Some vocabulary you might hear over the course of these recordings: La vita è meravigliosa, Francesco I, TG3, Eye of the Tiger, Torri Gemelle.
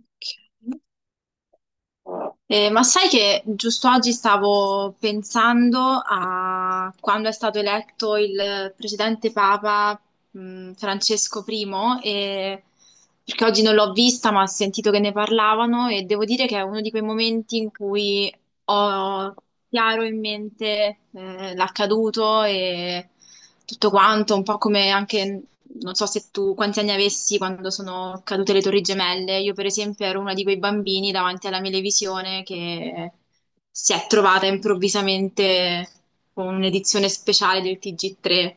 Ok. Ma sai che giusto oggi stavo pensando a quando è stato eletto il precedente Papa, Francesco I, e- perché oggi non l'ho vista, ma ho sentito che ne parlavano e devo dire che è uno di quei momenti in cui ho chiaro in mente l'accaduto e tutto quanto, un po' come anche, non so se tu quanti anni avessi quando sono cadute le Torri Gemelle. Io, per esempio, ero una di quei bambini davanti alla mia televisione che si è trovata improvvisamente con un'edizione speciale del TG3.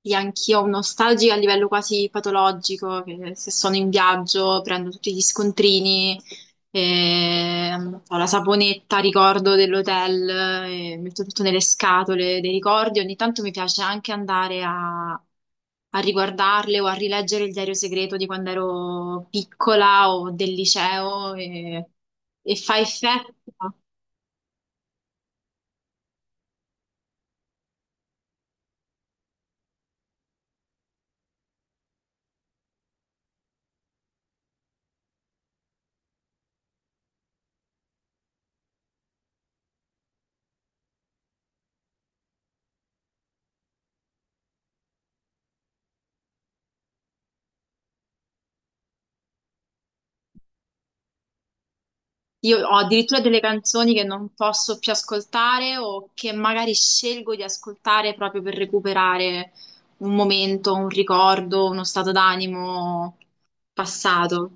Sì, anch'io ho un nostalgico a livello quasi patologico, che se sono in viaggio prendo tutti gli scontrini, e ho la saponetta, ricordo dell'hotel, e metto tutto nelle scatole dei ricordi. Ogni tanto mi piace anche andare a riguardarle o a rileggere il diario segreto di quando ero piccola o del liceo e fa effetto. Io ho addirittura delle canzoni che non posso più ascoltare o che magari scelgo di ascoltare proprio per recuperare un momento, un ricordo, uno stato d'animo passato.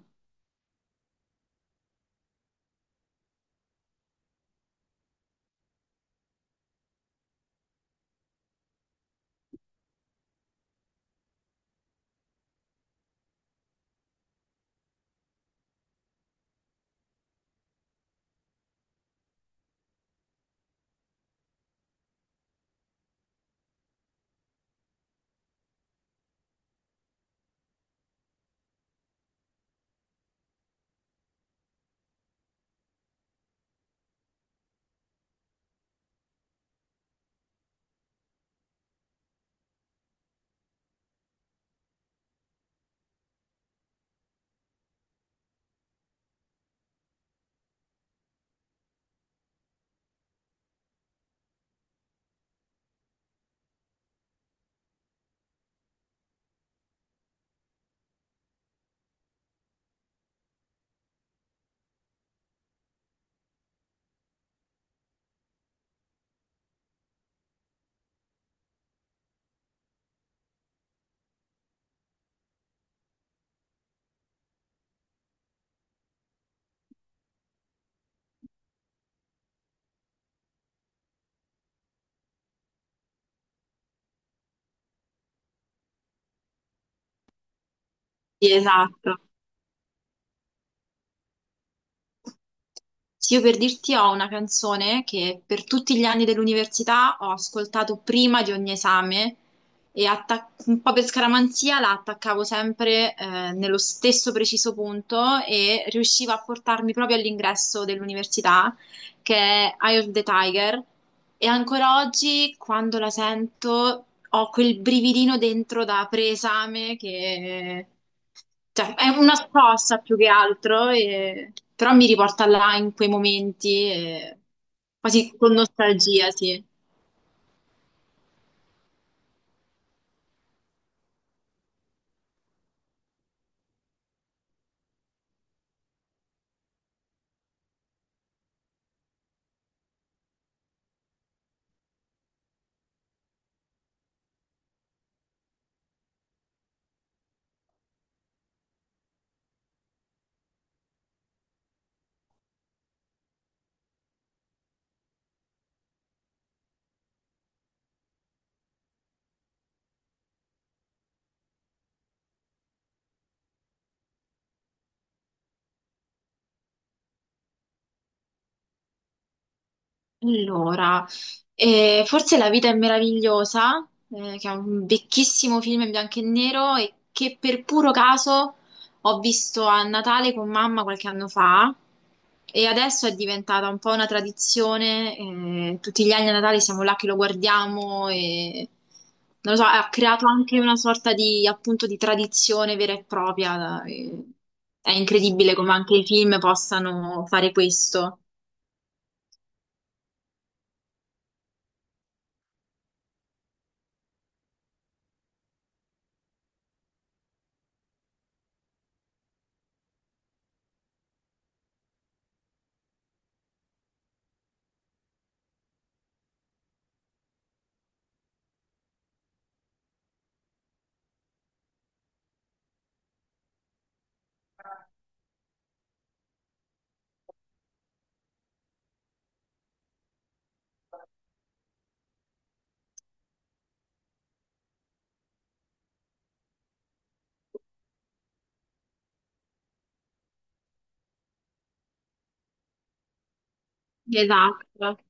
Sì, esatto. Sì, io per dirti ho una canzone che per tutti gli anni dell'università ho ascoltato prima di ogni esame e un po' per scaramanzia la attaccavo sempre nello stesso preciso punto e riusciva a portarmi proprio all'ingresso dell'università, che è Eye of the Tiger e ancora oggi, quando la sento, ho quel brividino dentro da preesame che... Cioè, è una scossa più che altro, però mi riporta là in quei momenti, quasi con nostalgia, sì. Allora, forse La vita è meravigliosa, che è un vecchissimo film in bianco e nero e che per puro caso ho visto a Natale con mamma qualche anno fa e adesso è diventata un po' una tradizione, tutti gli anni a Natale siamo là che lo guardiamo e non lo so, ha creato anche una sorta di, appunto, di tradizione vera e propria. È incredibile come anche i film possano fare questo. Esatto.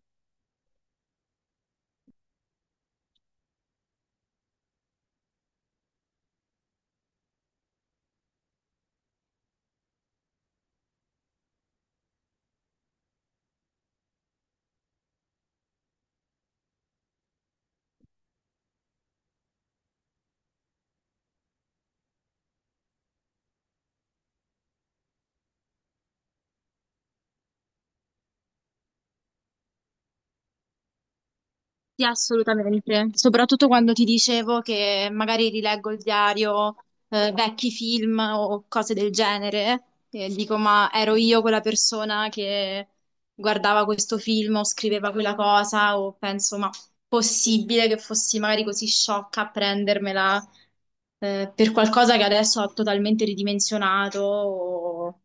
Sì, assolutamente, soprattutto quando ti dicevo che magari rileggo il diario, vecchi film o cose del genere, e dico, ma ero io quella persona che guardava questo film o scriveva quella cosa, o penso, ma possibile che fossi magari così sciocca a prendermela, per qualcosa che adesso ho totalmente ridimensionato o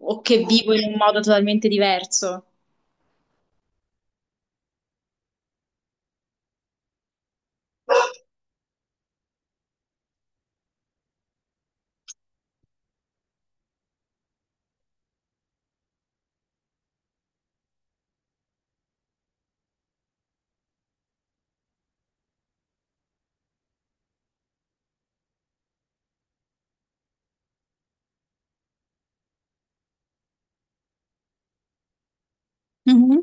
o che vivo in un modo totalmente diverso. Mhm.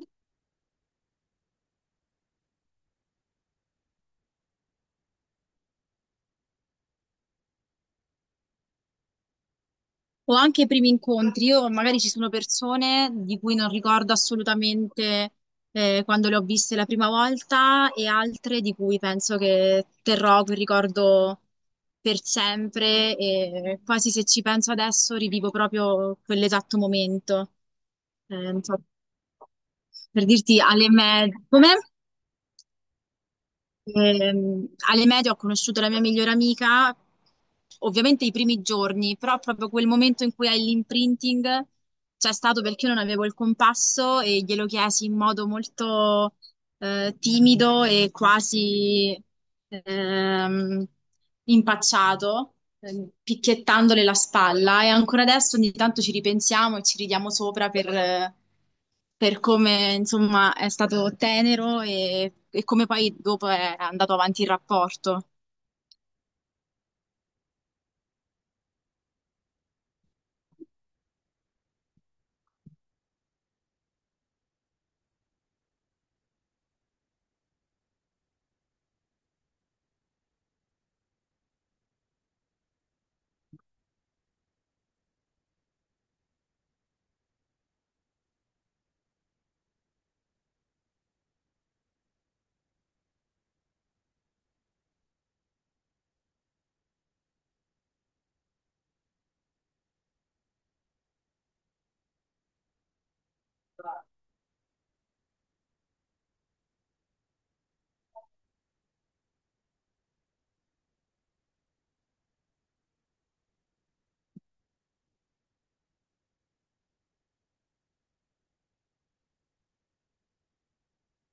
O anche i primi incontri, io magari ci sono persone di cui non ricordo assolutamente quando le ho viste la prima volta e altre di cui penso che terrò quel ricordo per sempre e quasi se ci penso adesso rivivo proprio quell'esatto momento. Non so, per dirti alle medie. Come? Ehm, Alle medie ho conosciuto la mia migliore amica, ovviamente i primi giorni, però proprio quel momento in cui hai l'imprinting c'è stato perché io non avevo il compasso e glielo chiesi in modo molto timido e quasi ehm, impacciato, picchiettandole la spalla e ancora adesso ogni tanto ci ripensiamo e ci ridiamo sopra per come insomma è stato tenero e come poi dopo è andato avanti il rapporto.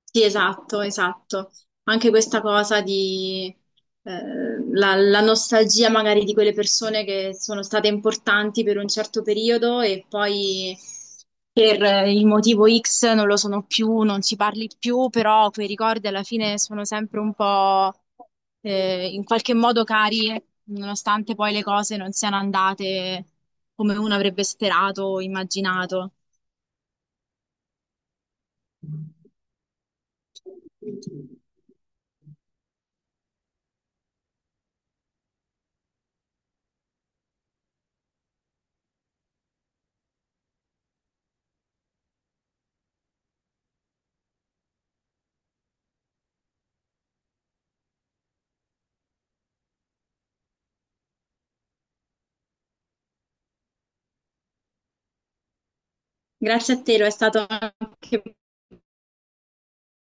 Sì, esatto, esatto. Anche questa cosa di la nostalgia magari di quelle persone che sono state importanti per un certo periodo e poi per il motivo X non lo sono più, non ci parli più, però quei ricordi alla fine sono sempre un po' in qualche modo cari, nonostante poi le cose non siano andate come uno avrebbe sperato o immaginato. Grazie a te, lo è stato anche